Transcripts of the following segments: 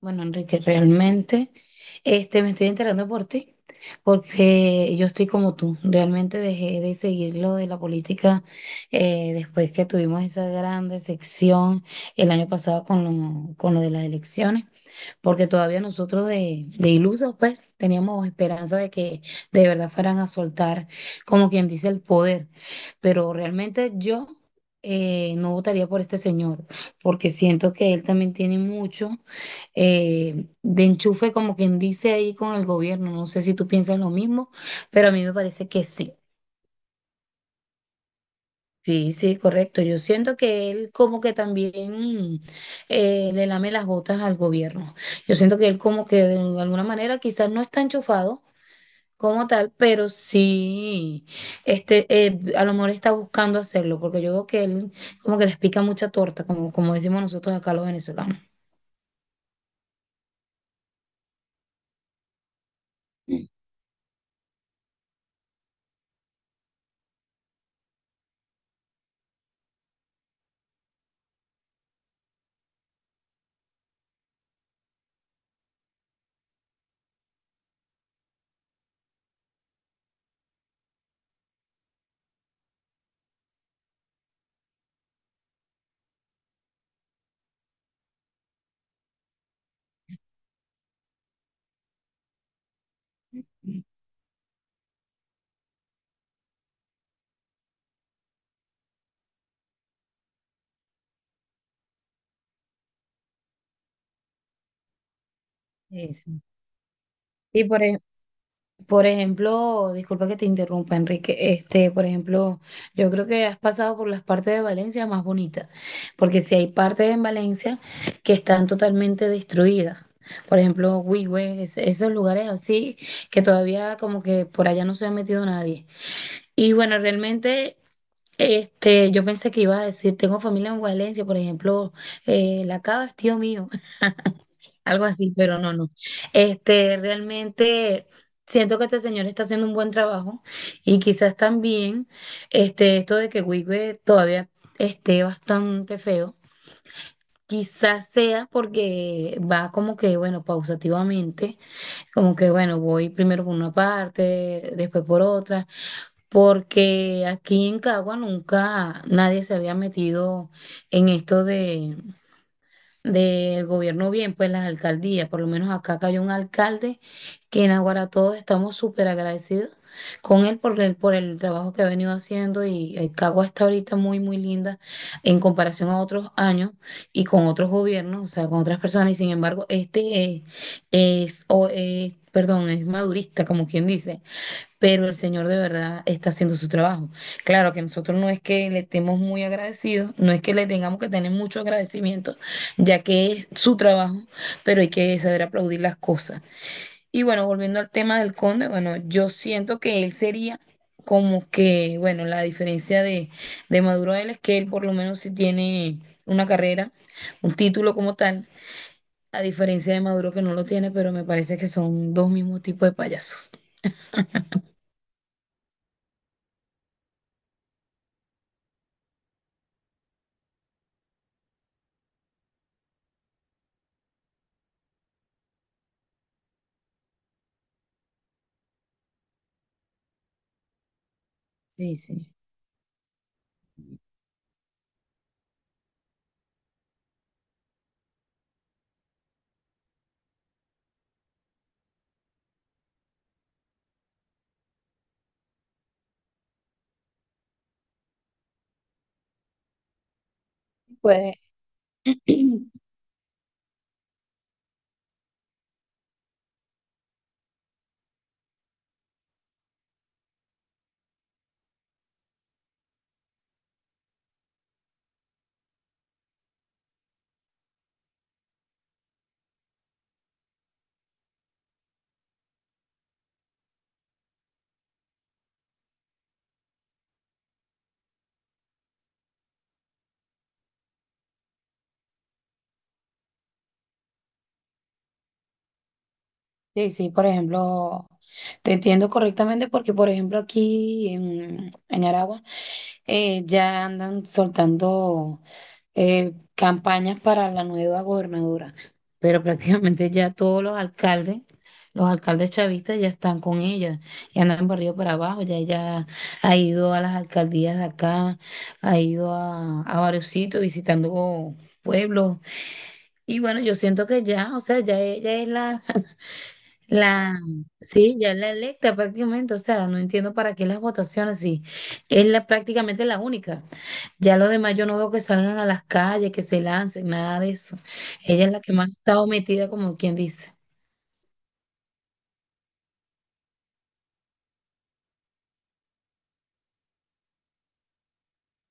Bueno, Enrique, realmente me estoy enterando por ti, porque yo estoy como tú. Realmente dejé de seguir lo de la política después que tuvimos esa gran decepción el año pasado con lo de las elecciones, porque todavía nosotros de ilusos, pues, teníamos esperanza de que de verdad fueran a soltar, como quien dice, el poder. Pero realmente yo no votaría por este señor, porque siento que él también tiene mucho de enchufe, como quien dice ahí con el gobierno. No sé si tú piensas lo mismo, pero a mí me parece que sí. Sí, sí, correcto. Yo siento que él como que también le lame las botas al gobierno. Yo siento que él como que de alguna manera quizás no está enchufado como tal, pero sí, a lo mejor está buscando hacerlo, porque yo veo que él como que les pica mucha torta, como, como decimos nosotros acá los venezolanos. Mm. Sí, sí. Y por, ej- Por ejemplo, disculpa que te interrumpa, Enrique. Este, por ejemplo, yo creo que has pasado por las partes de Valencia más bonitas, porque si hay partes en Valencia que están totalmente destruidas. Por ejemplo, Huigüe, esos lugares así que todavía como que por allá no se ha metido nadie. Y bueno, realmente yo pensé que ibas a decir, tengo familia en Valencia, por ejemplo, La Cava es tío mío algo así, pero no, no. Este, realmente siento que este señor está haciendo un buen trabajo y quizás también este, esto de que Wigwe todavía esté bastante feo. Quizás sea porque va como que, bueno, pausativamente, como que, bueno, voy primero por una parte, después por otra, porque aquí en Cagua nunca nadie se había metido en esto del gobierno bien, pues las alcaldías, por lo menos acá cayó un alcalde que en Aguara todos estamos súper agradecidos con él por el trabajo que ha venido haciendo y Cagua está ahorita muy, muy linda en comparación a otros años y con otros gobiernos, o sea, con otras personas y sin embargo, perdón, es madurista, como quien dice, pero el Señor de verdad está haciendo su trabajo. Claro que nosotros no es que le estemos muy agradecidos, no es que le tengamos que tener mucho agradecimiento, ya que es su trabajo, pero hay que saber aplaudir las cosas. Y bueno, volviendo al tema del conde, bueno, yo siento que él sería como que, bueno, la diferencia de Maduro a él es que él por lo menos sí tiene una carrera, un título como tal, a diferencia de Maduro que no lo tiene, pero me parece que son dos mismos tipos de payasos. Sí, sí. Pues sí, sí, por ejemplo, te entiendo correctamente porque, por ejemplo, aquí en Aragua ya andan soltando campañas para la nueva gobernadora, pero prácticamente ya todos los alcaldes chavistas ya están con ella, ya andan por arriba y para abajo, ya ella ha ido a las alcaldías de acá, ha ido a varios sitios visitando pueblos. Y bueno, yo siento que ya, o sea, ya ella es la La, sí, ya es la electa prácticamente, o sea, no entiendo para qué las votaciones, sí, es la, prácticamente la única. Ya los demás yo no veo que salgan a las calles, que se lancen, nada de eso. Ella es la que más ha estado metida, como quien dice.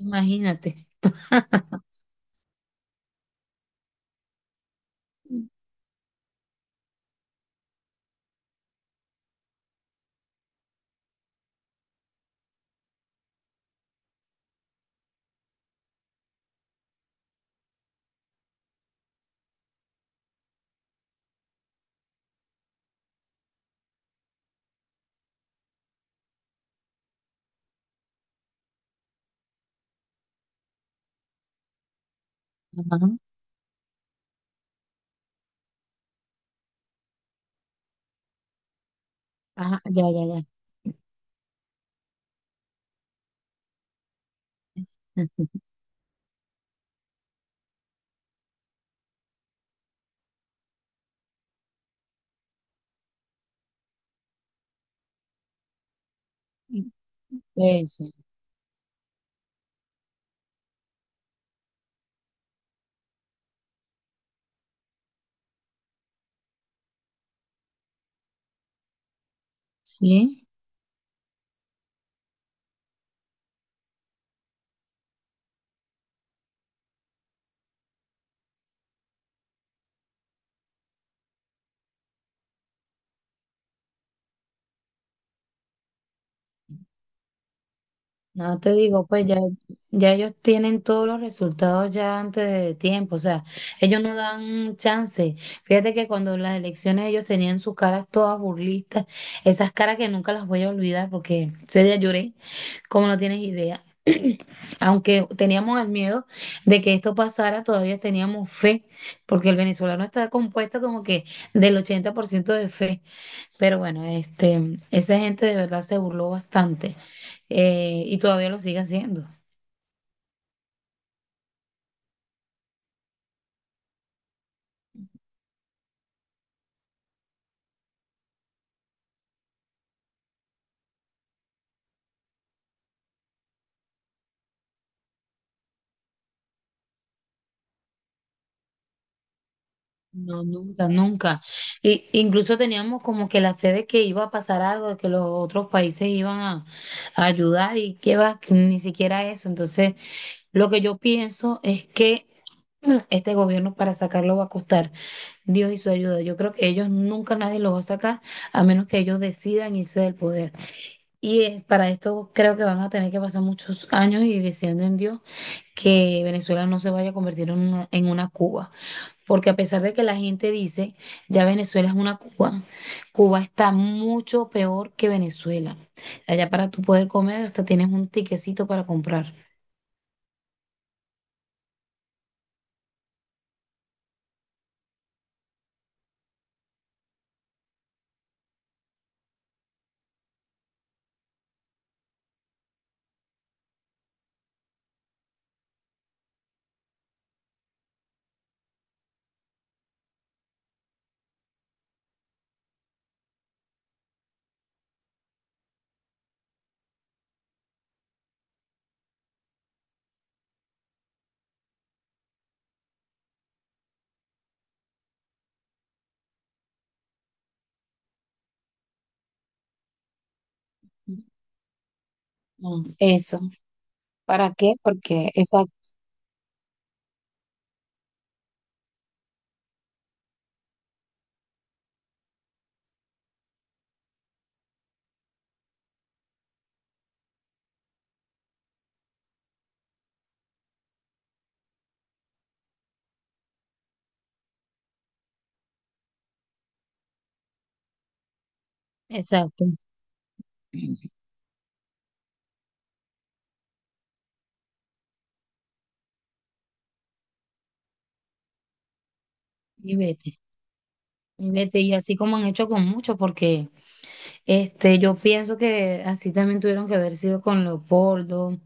Imagínate. Ajá, ajá, ya, ya, ya. Eso, sí. No te digo, pues ya, ya ellos tienen todos los resultados ya antes de tiempo, o sea, ellos no dan chance. Fíjate que cuando las elecciones ellos tenían sus caras todas burlistas, esas caras que nunca las voy a olvidar porque ese día lloré, como no tienes idea. Aunque teníamos el miedo de que esto pasara, todavía teníamos fe, porque el venezolano está compuesto como que del 80% de fe. Pero bueno, este, esa gente de verdad se burló bastante y todavía lo sigue haciendo. No, nunca, nunca. Y, incluso teníamos como que la fe de que iba a pasar algo, de que los otros países iban a ayudar y que va, que ni siquiera eso. Entonces, lo que yo pienso es que este gobierno para sacarlo va a costar Dios y su ayuda. Yo creo que ellos nunca nadie lo va a sacar a menos que ellos decidan irse del poder. Y para esto creo que van a tener que pasar muchos años y deseando en Dios que Venezuela no se vaya a convertir en una Cuba. Porque a pesar de que la gente dice, ya Venezuela es una Cuba, Cuba está mucho peor que Venezuela. Allá para tú poder comer hasta tienes un tiquecito para comprar. Mm, eso. ¿Para qué? Porque exacto. Exacto. Y vete, y vete. Y así como han hecho con muchos, porque... Este, yo pienso que así también tuvieron que haber sido con Leopoldo,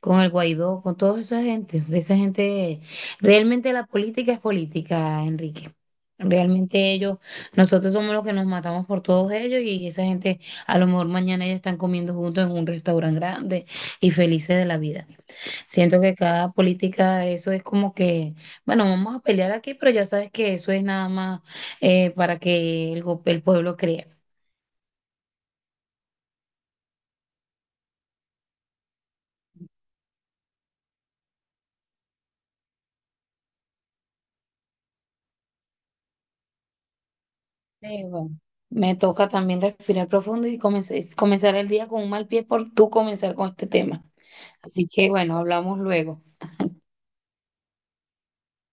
con el Guaidó, con toda esa gente. Esa gente, realmente la política es política, Enrique. Realmente ellos, nosotros somos los que nos matamos por todos ellos y esa gente a lo mejor mañana ya están comiendo juntos en un restaurante grande y felices de la vida. Siento que cada política, eso es como que, bueno, vamos a pelear aquí, pero ya sabes que eso es nada más para que el pueblo crea. Leo, me toca también respirar profundo y comenzar el día con un mal pie por tú comenzar con este tema. Así que bueno, hablamos luego.